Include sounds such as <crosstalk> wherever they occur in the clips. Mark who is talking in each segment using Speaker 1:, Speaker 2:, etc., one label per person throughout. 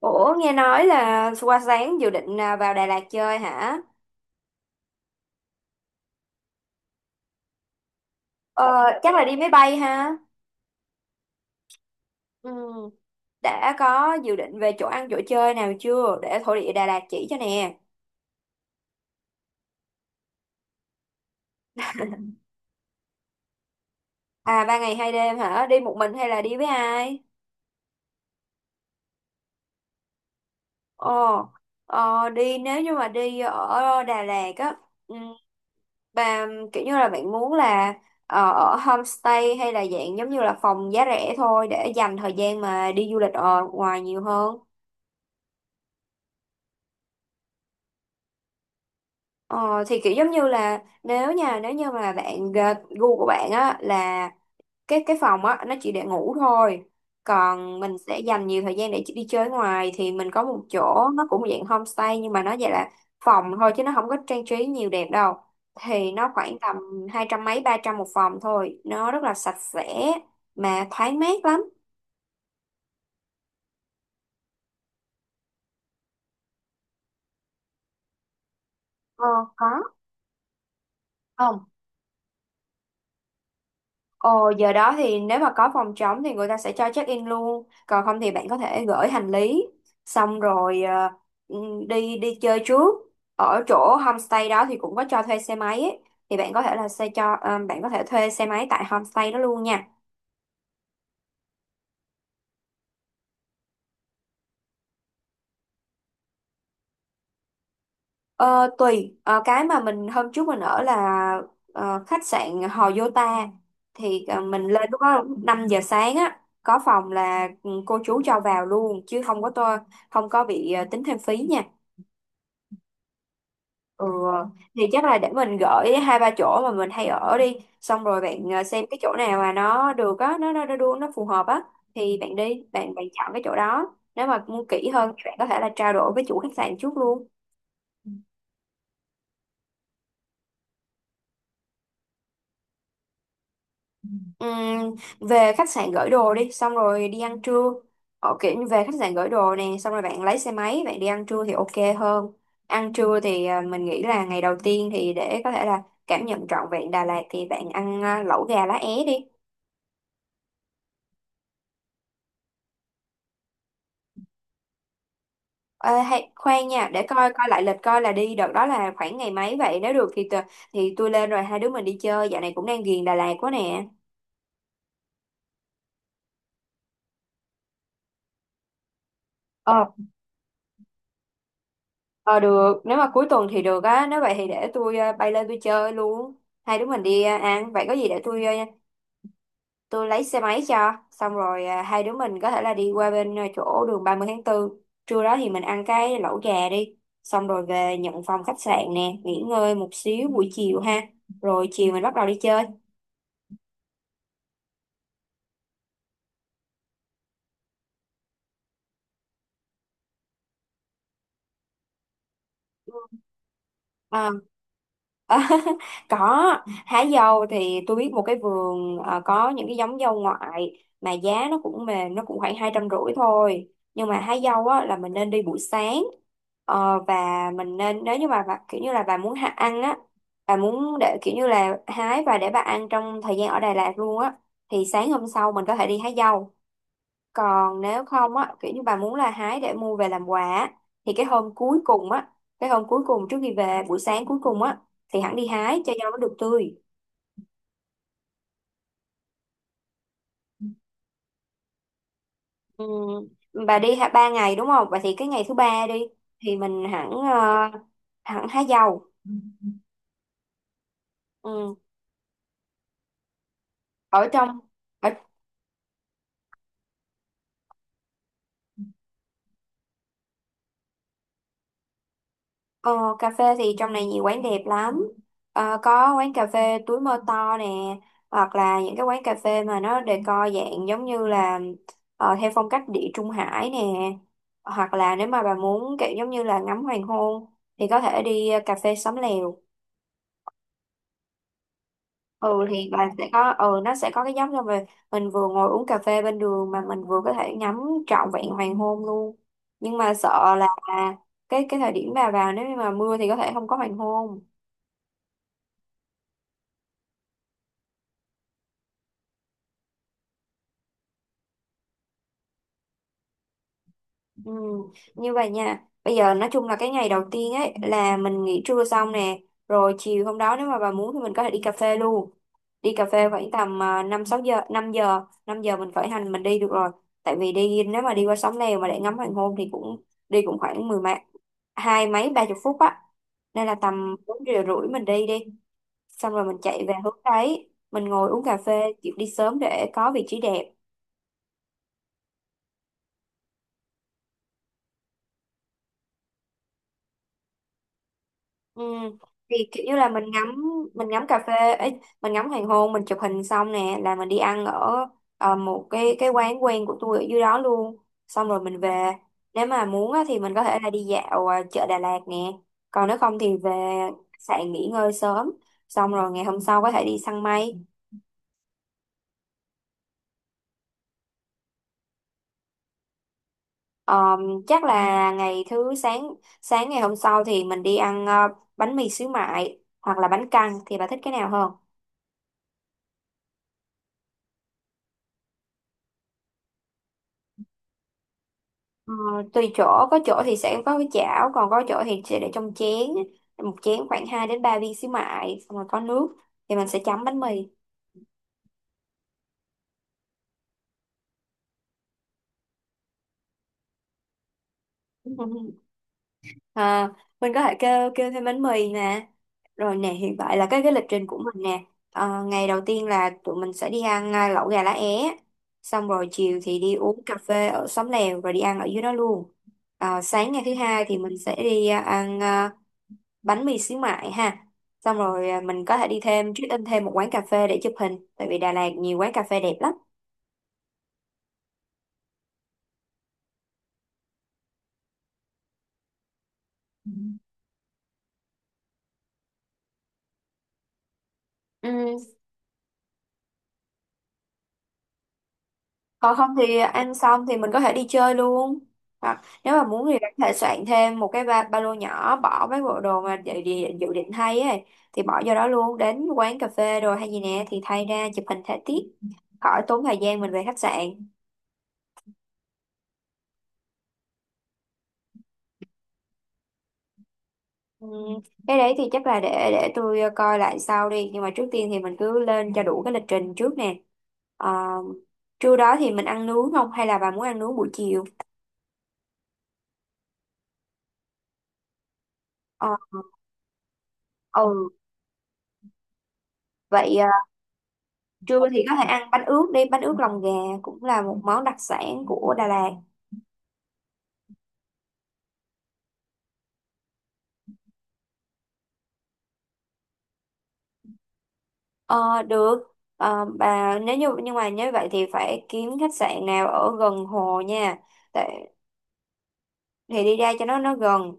Speaker 1: Ủa nghe nói là qua sáng dự định vào Đà Lạt chơi hả? Ờ, Chắc là đi máy bay ha. Ừ, đã có dự định về chỗ ăn chỗ chơi nào chưa để thổ địa Đà Lạt chỉ cho nè. À ba ngày hai đêm hả? Đi một mình hay là đi với ai? Ồ, đi nếu như mà đi ở Đà Lạt á, ừ, bà kiểu như là bạn muốn là ở homestay hay là dạng giống như là phòng giá rẻ thôi để dành thời gian mà đi du lịch ở ngoài nhiều hơn. Ờ, thì kiểu giống như là nếu như mà bạn gu của bạn á là cái phòng á nó chỉ để ngủ thôi, còn mình sẽ dành nhiều thời gian để đi chơi ngoài, thì mình có một chỗ nó cũng dạng homestay nhưng mà nó vậy là phòng thôi chứ nó không có trang trí nhiều đẹp đâu, thì nó khoảng tầm hai trăm mấy ba trăm một phòng thôi, nó rất là sạch sẽ mà thoáng mát lắm. ờ có không? Ồ, giờ đó thì nếu mà có phòng trống thì người ta sẽ cho check in luôn. Còn không thì bạn có thể gửi hành lý xong rồi đi đi chơi trước. Ở chỗ homestay đó thì cũng có cho thuê xe máy ấy. Thì bạn có thể là xe cho bạn có thể thuê xe máy tại homestay đó luôn nha. Ờ, Tùy. Ờ, cái mà mình hôm trước mình ở là khách sạn Hò Yota, thì mình lên lúc đó 5 giờ sáng á, có phòng là ừ, cô chú cho vào luôn chứ không có bị tính thêm phí nha. Ừ, thì chắc là để mình gửi hai ba chỗ mà mình hay ở đi, xong rồi bạn xem cái chỗ nào mà nó được á, nó phù hợp á, thì bạn đi bạn bạn chọn cái chỗ đó, nếu mà muốn kỹ hơn thì bạn có thể là trao đổi với chủ khách sạn trước luôn. Ừm, về khách sạn gửi đồ đi xong rồi đi ăn trưa, ở kiểu như về khách sạn gửi đồ nè xong rồi bạn lấy xe máy bạn đi ăn trưa thì ok hơn. Ăn trưa thì mình nghĩ là ngày đầu tiên thì để có thể là cảm nhận trọn vẹn Đà Lạt thì bạn ăn lẩu gà lá é đi. Ờ, Hay, khoan nha, để coi coi lại lịch coi là đi đợt đó là khoảng ngày mấy vậy, nếu được thì thì tôi lên rồi hai đứa mình đi chơi, dạo này cũng đang ghiền Đà Lạt quá nè. ờ ờ Được, nếu mà cuối tuần thì được á, nếu vậy thì để tôi bay lên tôi chơi luôn, hai đứa mình đi ăn, vậy có gì để tôi tôi lấy xe máy cho, xong rồi hai đứa mình có thể là đi qua bên chỗ đường 30 tháng 4. Trưa đó thì mình ăn cái lẩu gà đi, xong rồi về nhận phòng khách sạn nè, nghỉ ngơi một xíu buổi chiều ha, rồi chiều mình bắt đầu đi chơi. À, À, <laughs> có, hái dâu thì tôi biết một cái vườn có những cái giống dâu ngoại mà giá nó cũng mềm, nó cũng khoảng hai trăm rưỡi thôi, nhưng mà hái dâu á là mình nên đi buổi sáng. Ờ, và mình nên, nếu như mà bà, kiểu như là bà muốn hạ ăn á, bà muốn để kiểu như là hái và để bà ăn trong thời gian ở Đà Lạt luôn á, thì sáng hôm sau mình có thể đi hái dâu. Còn nếu không á, kiểu như bà muốn là hái để mua về làm quà á, thì cái hôm cuối cùng á, cái hôm cuối cùng trước khi về, buổi sáng cuối cùng á, thì hẳn đi hái cho rau nó được tươi. Ừ. Bà đi hả ba ngày đúng không, vậy thì cái ngày thứ ba đi thì mình hẳn hẳn hái dầu. Ừ. Ở trong. Ở. Ờ, Cà phê thì trong này nhiều quán đẹp lắm. Có quán cà phê túi mơ to nè, hoặc là những cái quán cà phê mà nó decor dạng giống như là theo phong cách địa Trung Hải nè. Hoặc là nếu mà bà muốn kiểu giống như là ngắm hoàng hôn thì có thể đi cà phê Xóm Lèo. Ừ, thì bà sẽ có, ừ nó sẽ có cái giống rồi, mình vừa ngồi uống cà phê bên đường mà mình vừa có thể ngắm trọn vẹn hoàng hôn luôn. Nhưng mà sợ là cái thời điểm bà vào nếu như mà mưa thì có thể không có hoàng hôn. Ừ, như vậy nha, bây giờ nói chung là cái ngày đầu tiên ấy là mình nghỉ trưa xong nè, rồi chiều hôm đó nếu mà bà muốn thì mình có thể đi cà phê luôn, đi cà phê khoảng tầm 5 6 giờ, 5 giờ mình khởi hành mình đi được rồi, tại vì đi nếu mà đi qua sóng Lèo mà để ngắm hoàng hôn thì cũng đi cũng khoảng mười mấy hai mấy ba chục phút á, nên là tầm bốn giờ rưỡi mình đi đi xong rồi mình chạy về hướng đấy mình ngồi uống cà phê, kiểu đi sớm để có vị trí đẹp. Ừ. Thì kiểu như là mình ngắm cà phê ấy, mình ngắm hoàng hôn mình chụp hình xong nè là mình đi ăn ở một cái quán quen của tôi ở dưới đó luôn, xong rồi mình về, nếu mà muốn á thì mình có thể là đi dạo chợ Đà Lạt nè, còn nếu không thì về khách sạn nghỉ ngơi sớm, xong rồi ngày hôm sau có thể đi săn mây. Ờ, Chắc là ngày thứ sáng sáng ngày hôm sau thì mình đi ăn bánh mì xíu mại hoặc là bánh căn, thì bà thích cái nào hơn? Ờ, Tùy chỗ, có chỗ thì sẽ có cái chảo, còn có chỗ thì sẽ để trong chén, một chén khoảng 2 đến 3 viên xíu mại, xong rồi có nước thì mình sẽ chấm bánh mì. <laughs> À, mình có thể kêu kêu thêm bánh mì nè. Rồi nè, hiện tại là cái lịch trình của mình nè. Ờ, ngày đầu tiên là tụi mình sẽ đi ăn lẩu gà lá é, xong rồi chiều thì đi uống cà phê ở xóm lèo rồi đi ăn ở dưới đó luôn. Ờ, sáng ngày thứ hai thì mình sẽ đi ăn bánh mì xíu mại ha, xong rồi mình có thể đi thêm check in thêm một quán cà phê để chụp hình, tại vì Đà Lạt nhiều quán cà phê đẹp lắm. Ừ. Ừ. Còn không thì ăn xong thì mình có thể đi chơi luôn, hoặc nếu mà muốn thì bạn có thể soạn thêm một cái ba lô nhỏ bỏ mấy bộ đồ mà dự định thay ấy, thì bỏ vô đó luôn đến quán cà phê rồi hay gì nè thì thay ra chụp hình thể tiết, khỏi tốn thời gian mình về khách sạn. Ừ, cái đấy thì chắc là để tôi coi lại sau đi, nhưng mà trước tiên thì mình cứ lên cho đủ cái lịch trình trước nè. Ờ, Trưa đó thì mình ăn nướng không hay là bà muốn ăn nướng buổi chiều? Ờ, ừ Vậy trưa thì có thể ăn bánh ướt đi, bánh ướt lòng gà cũng là một món đặc sản của Đà Lạt. Ờ, được. Ờ, bà nếu như, nhưng mà nếu vậy thì phải kiếm khách sạn nào ở gần hồ nha. Tại, thì đi ra cho nó gần,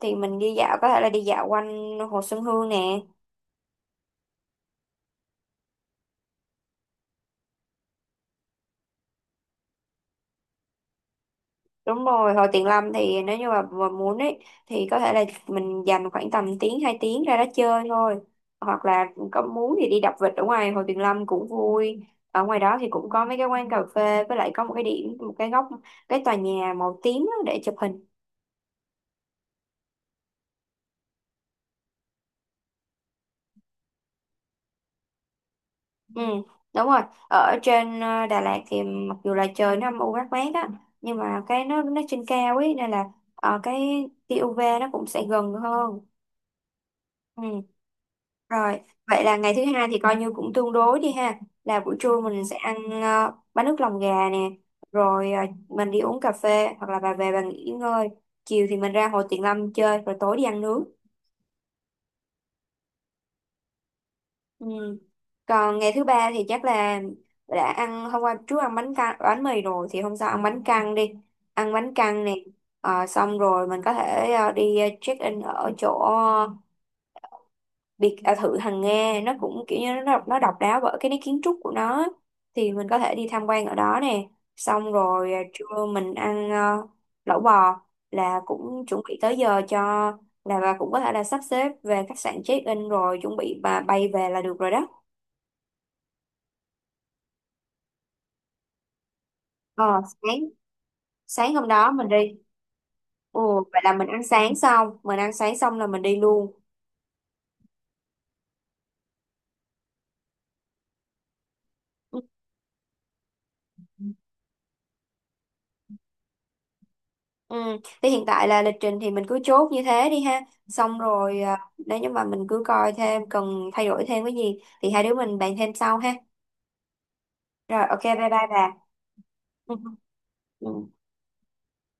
Speaker 1: thì mình đi dạo có thể là đi dạo quanh hồ Xuân Hương nè. Đúng rồi, hồi tiền lâm thì nếu như mà muốn ấy thì có thể là mình dành khoảng tầm tiếng 2 tiếng ra đó chơi thôi. Hoặc là có muốn thì đi đạp vịt ở ngoài hồ Tuyền Lâm cũng vui. Ở ngoài đó thì cũng có mấy cái quán cà phê, với lại có một cái góc cái tòa nhà màu tím á để chụp hình. Ừ, đúng rồi. Ở trên Đà Lạt thì mặc dù là trời nó âm u mát mát á, nhưng mà cái nó trên cao ấy nên là cái tia UV nó cũng sẽ gần hơn. Ừ. Rồi, vậy là ngày thứ hai thì coi như cũng tương đối đi ha. Là buổi trưa mình sẽ ăn bánh nước lòng gà nè, rồi mình đi uống cà phê hoặc là bà về bà nghỉ ngơi. Chiều thì mình ra Hồ Tuyền Lâm chơi rồi tối đi ăn nướng. Ừ. Còn ngày thứ ba thì chắc là đã ăn hôm qua trước ăn bánh căn bánh mì rồi thì hôm sau ăn bánh căn đi. Ăn bánh căn nè. Ờ, xong rồi mình có thể đi check in ở chỗ biệt thự hàng Nga, nó cũng kiểu như nó độc đáo bởi cái nét kiến trúc của nó, thì mình có thể đi tham quan ở đó nè, xong rồi trưa mình ăn lẩu bò, là cũng chuẩn bị tới giờ cho là bà cũng có thể là sắp xếp về khách sạn check in rồi chuẩn bị và bay về là được rồi đó. Ờ sáng Sáng hôm đó mình đi. Ồ, vậy là mình ăn sáng xong là mình đi luôn. Ừ. Thì hiện tại là lịch trình thì mình cứ chốt như thế đi ha. Xong rồi nếu như mà mình cứ coi thêm cần thay đổi thêm cái gì thì hai đứa mình bàn thêm sau ha. Rồi, ok bye bye bà. Ừ. Ừ.